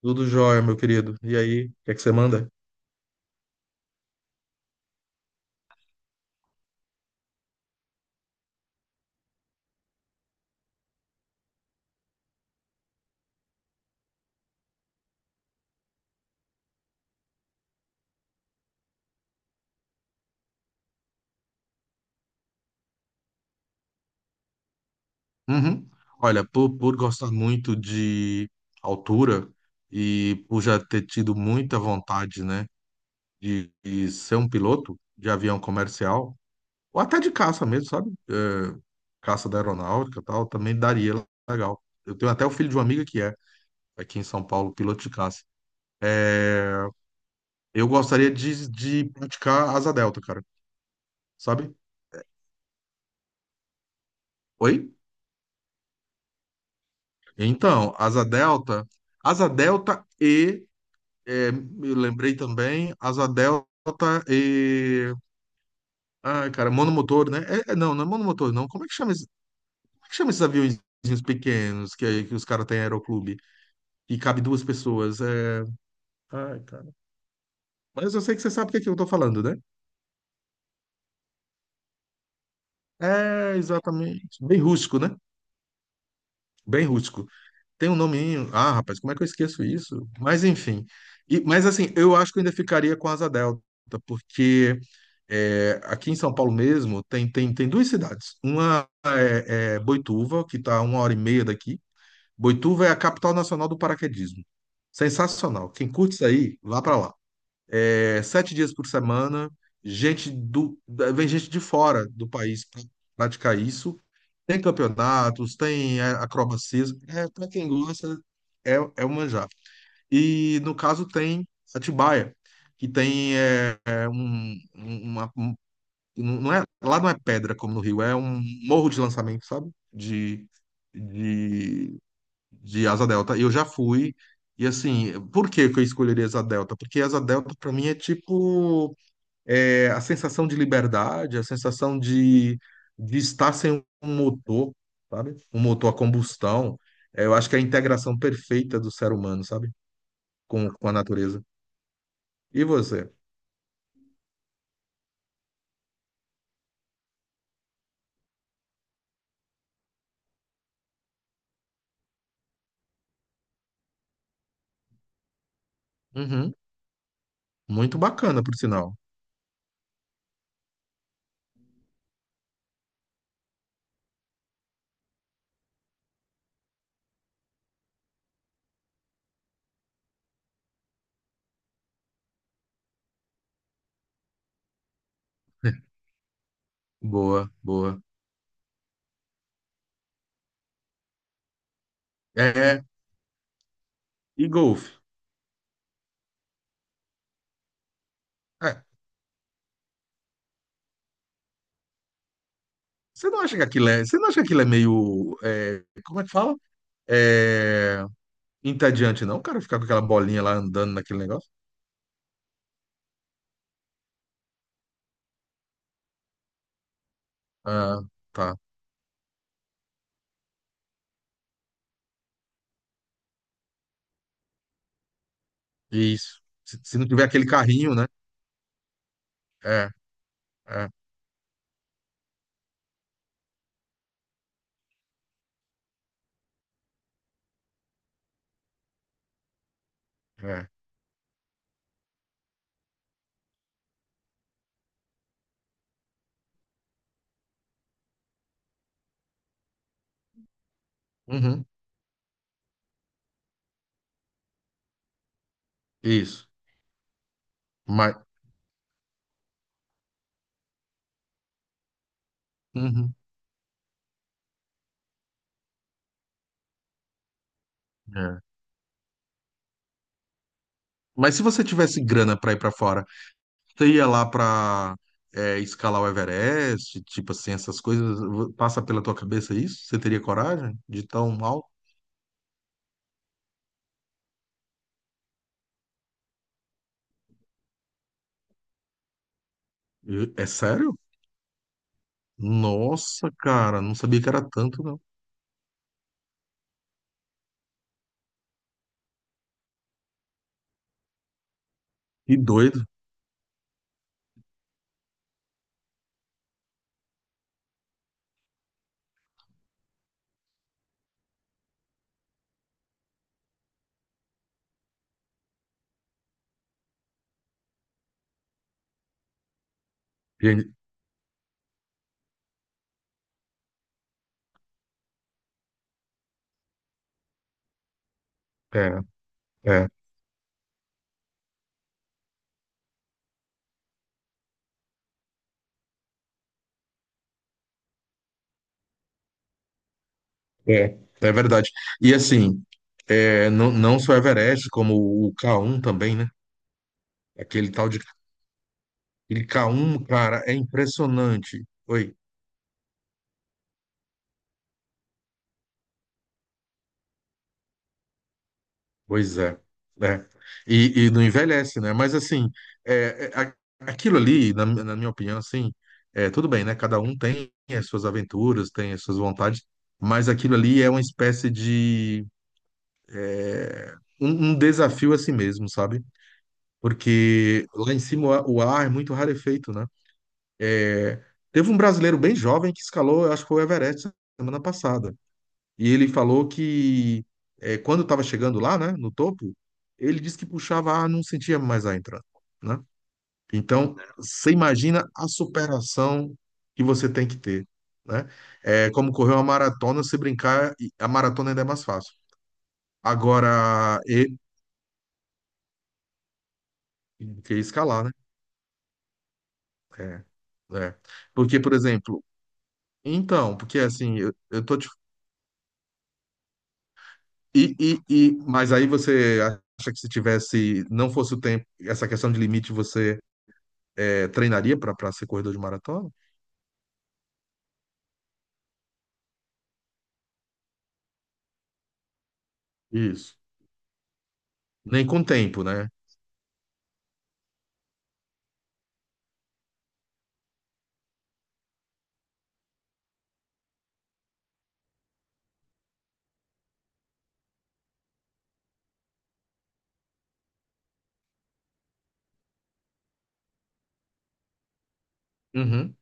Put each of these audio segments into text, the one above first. Tudo jóia, meu querido. E aí, o que é que você manda? Uhum. Olha, por gostar muito de altura e por já ter tido muita vontade, né, de ser um piloto de avião comercial, ou até de caça mesmo, sabe? Caça da aeronáutica e tal, também daria legal. Eu tenho até o filho de uma amiga que é, aqui em São Paulo, piloto de caça. Eu gostaria de praticar asa delta, cara, sabe? Oi? Então, asa delta e eu lembrei também, asa delta e. Ai, cara, monomotor, né? Não, não é monomotor, não. Como é que chama esses aviõezinhos pequenos que os caras têm em aeroclube? E cabe duas pessoas. É... Ai, cara. Mas eu sei que você sabe o que é que eu tô falando, né? É, exatamente. Bem rústico, né? Bem rústico. Tem um nominho. Ah, rapaz, como é que eu esqueço isso? Mas enfim. Mas assim, eu acho que eu ainda ficaria com Asa Delta, porque aqui em São Paulo mesmo tem duas cidades. Uma é Boituva, que está a uma hora e meia daqui. Boituva é a capital nacional do paraquedismo. Sensacional. Quem curte isso aí, vá para lá sete dias por semana, vem gente de fora do país para praticar isso. Tem campeonatos, tem acrobacias. É, para quem gosta, é o manjar. E no caso tem Atibaia, que tem um, uma, um- não é, lá não é pedra como no Rio, é um morro de lançamento, sabe? De, de Asa Delta. E eu já fui. E assim, por que que eu escolheria Asa Delta? Porque Asa Delta, para mim, é tipo a sensação de liberdade, a sensação de estar sem um motor, sabe? Um motor a combustão. É, eu acho que é a integração perfeita do ser humano, sabe? Com a natureza. E você? Uhum. Muito bacana, por sinal. Boa, boa. É, e golfe? É, você não acha que aquilo é, você não acha que aquilo é meio, é, como é que fala? É, entediante, não, cara, ficar com aquela bolinha lá andando naquele negócio? Ah, tá. Isso. Se não tiver aquele carrinho, né? É. É, é. Uhum, isso. Mas, uhum, é. Mas se você tivesse grana para ir para fora, você ia lá para escalar o Everest, tipo assim, essas coisas, passa pela tua cabeça isso? Você teria coragem de tão mal? É sério? Nossa, cara, não sabia que era tanto, não. Que doido. E- É, é, é, é verdade. E assim, é, não, não só Everest, como o K1 também, né? Aquele tal de Clicar um, cara, é impressionante. Oi, pois é, né? E não envelhece, né? Mas assim, é, é, a- aquilo ali, na minha opinião, assim, é, tudo bem, né? Cada um tem as suas aventuras, tem as suas vontades, mas aquilo ali é uma espécie de um desafio a si mesmo, sabe? Porque lá em cima o ar é muito rarefeito, né? Teve um brasileiro bem jovem que escalou, eu acho que foi o Everest semana passada. E ele falou que quando estava chegando lá, né, no topo, ele disse que puxava ar, não sentia mais ar entrando, né? Então, você imagina a superação que você tem que ter, né? É como correr uma maratona, se brincar, e a maratona ainda é mais fácil. Agora, e que escalar, né? É, é. Porque, por exemplo, então, porque assim, eu tô te, mas aí você acha que se tivesse, não fosse o tempo, essa questão de limite, você treinaria para ser corredor de maratona? Isso. Nem com tempo, né? Uhum,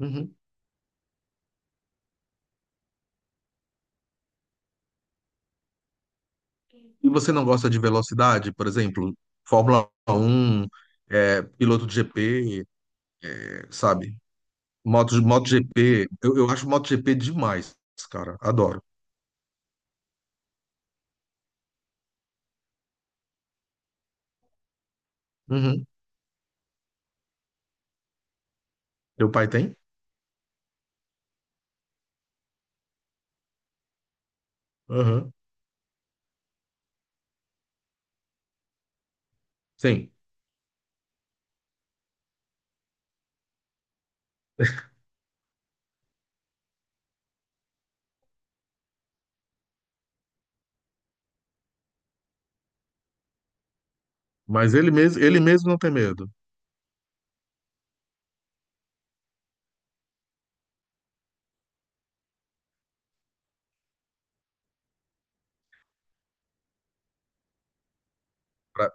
uhum. E você não gosta de velocidade, por exemplo, Fórmula Um, piloto de GP, é, sabe? Moto, MotoGP. Eu acho MotoGP demais, cara. Adoro. Uhum. Teu pai tem? Uhum. Sim. Mas ele mesmo não tem medo. Pra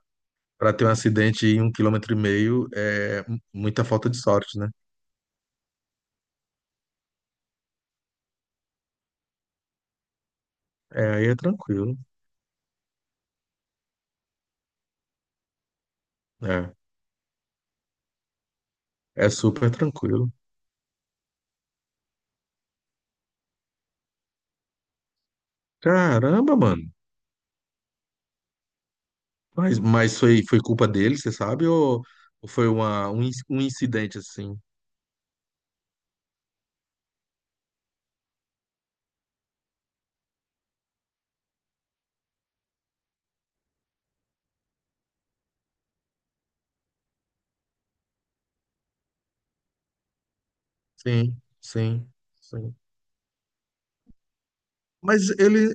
pra ter um acidente em um quilômetro e meio é muita falta de sorte, né? É, aí é tranquilo. É, é super tranquilo. Caramba, mano. Mas foi, foi culpa dele, você sabe? Ou foi uma, um incidente assim? Sim, sim, sim. Mas ele,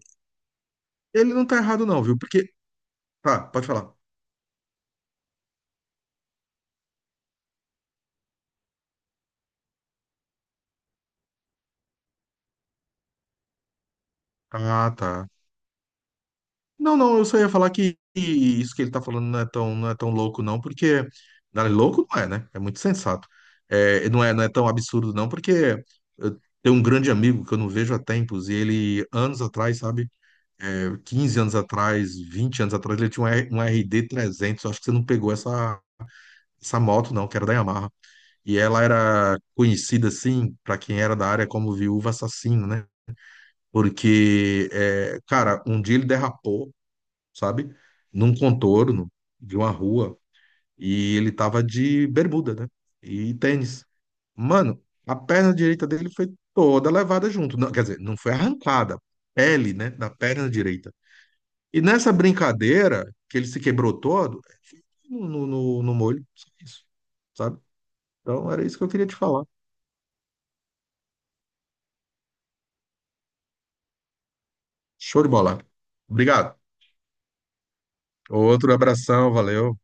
ele não tá errado, não, viu? Porque. Tá, pode falar. Ah, tá. Não, não, eu só ia falar que isso que ele tá falando não é tão, não é tão louco, não, porque. Não, louco não é, né? É muito sensato. É, não é, não é tão absurdo, não, porque eu tenho um grande amigo que eu não vejo há tempos, e ele, anos atrás, sabe? É, 15 anos atrás, 20 anos atrás, ele tinha um RD300. Eu acho que você não pegou essa, essa moto, não, que era da Yamaha. E ela era conhecida, assim, para quem era da área, como viúva assassina, né? Porque, é, cara, um dia ele derrapou, sabe? Num contorno de uma rua e ele tava de bermuda, né? E tênis. Mano, a perna direita dele foi toda levada junto. Não, quer dizer, não foi arrancada. Pele, né, da perna direita e nessa brincadeira, que ele se quebrou todo, no molho, só isso, sabe? Então era isso que eu queria te falar. Show de bola. Obrigado. Outro abração, valeu.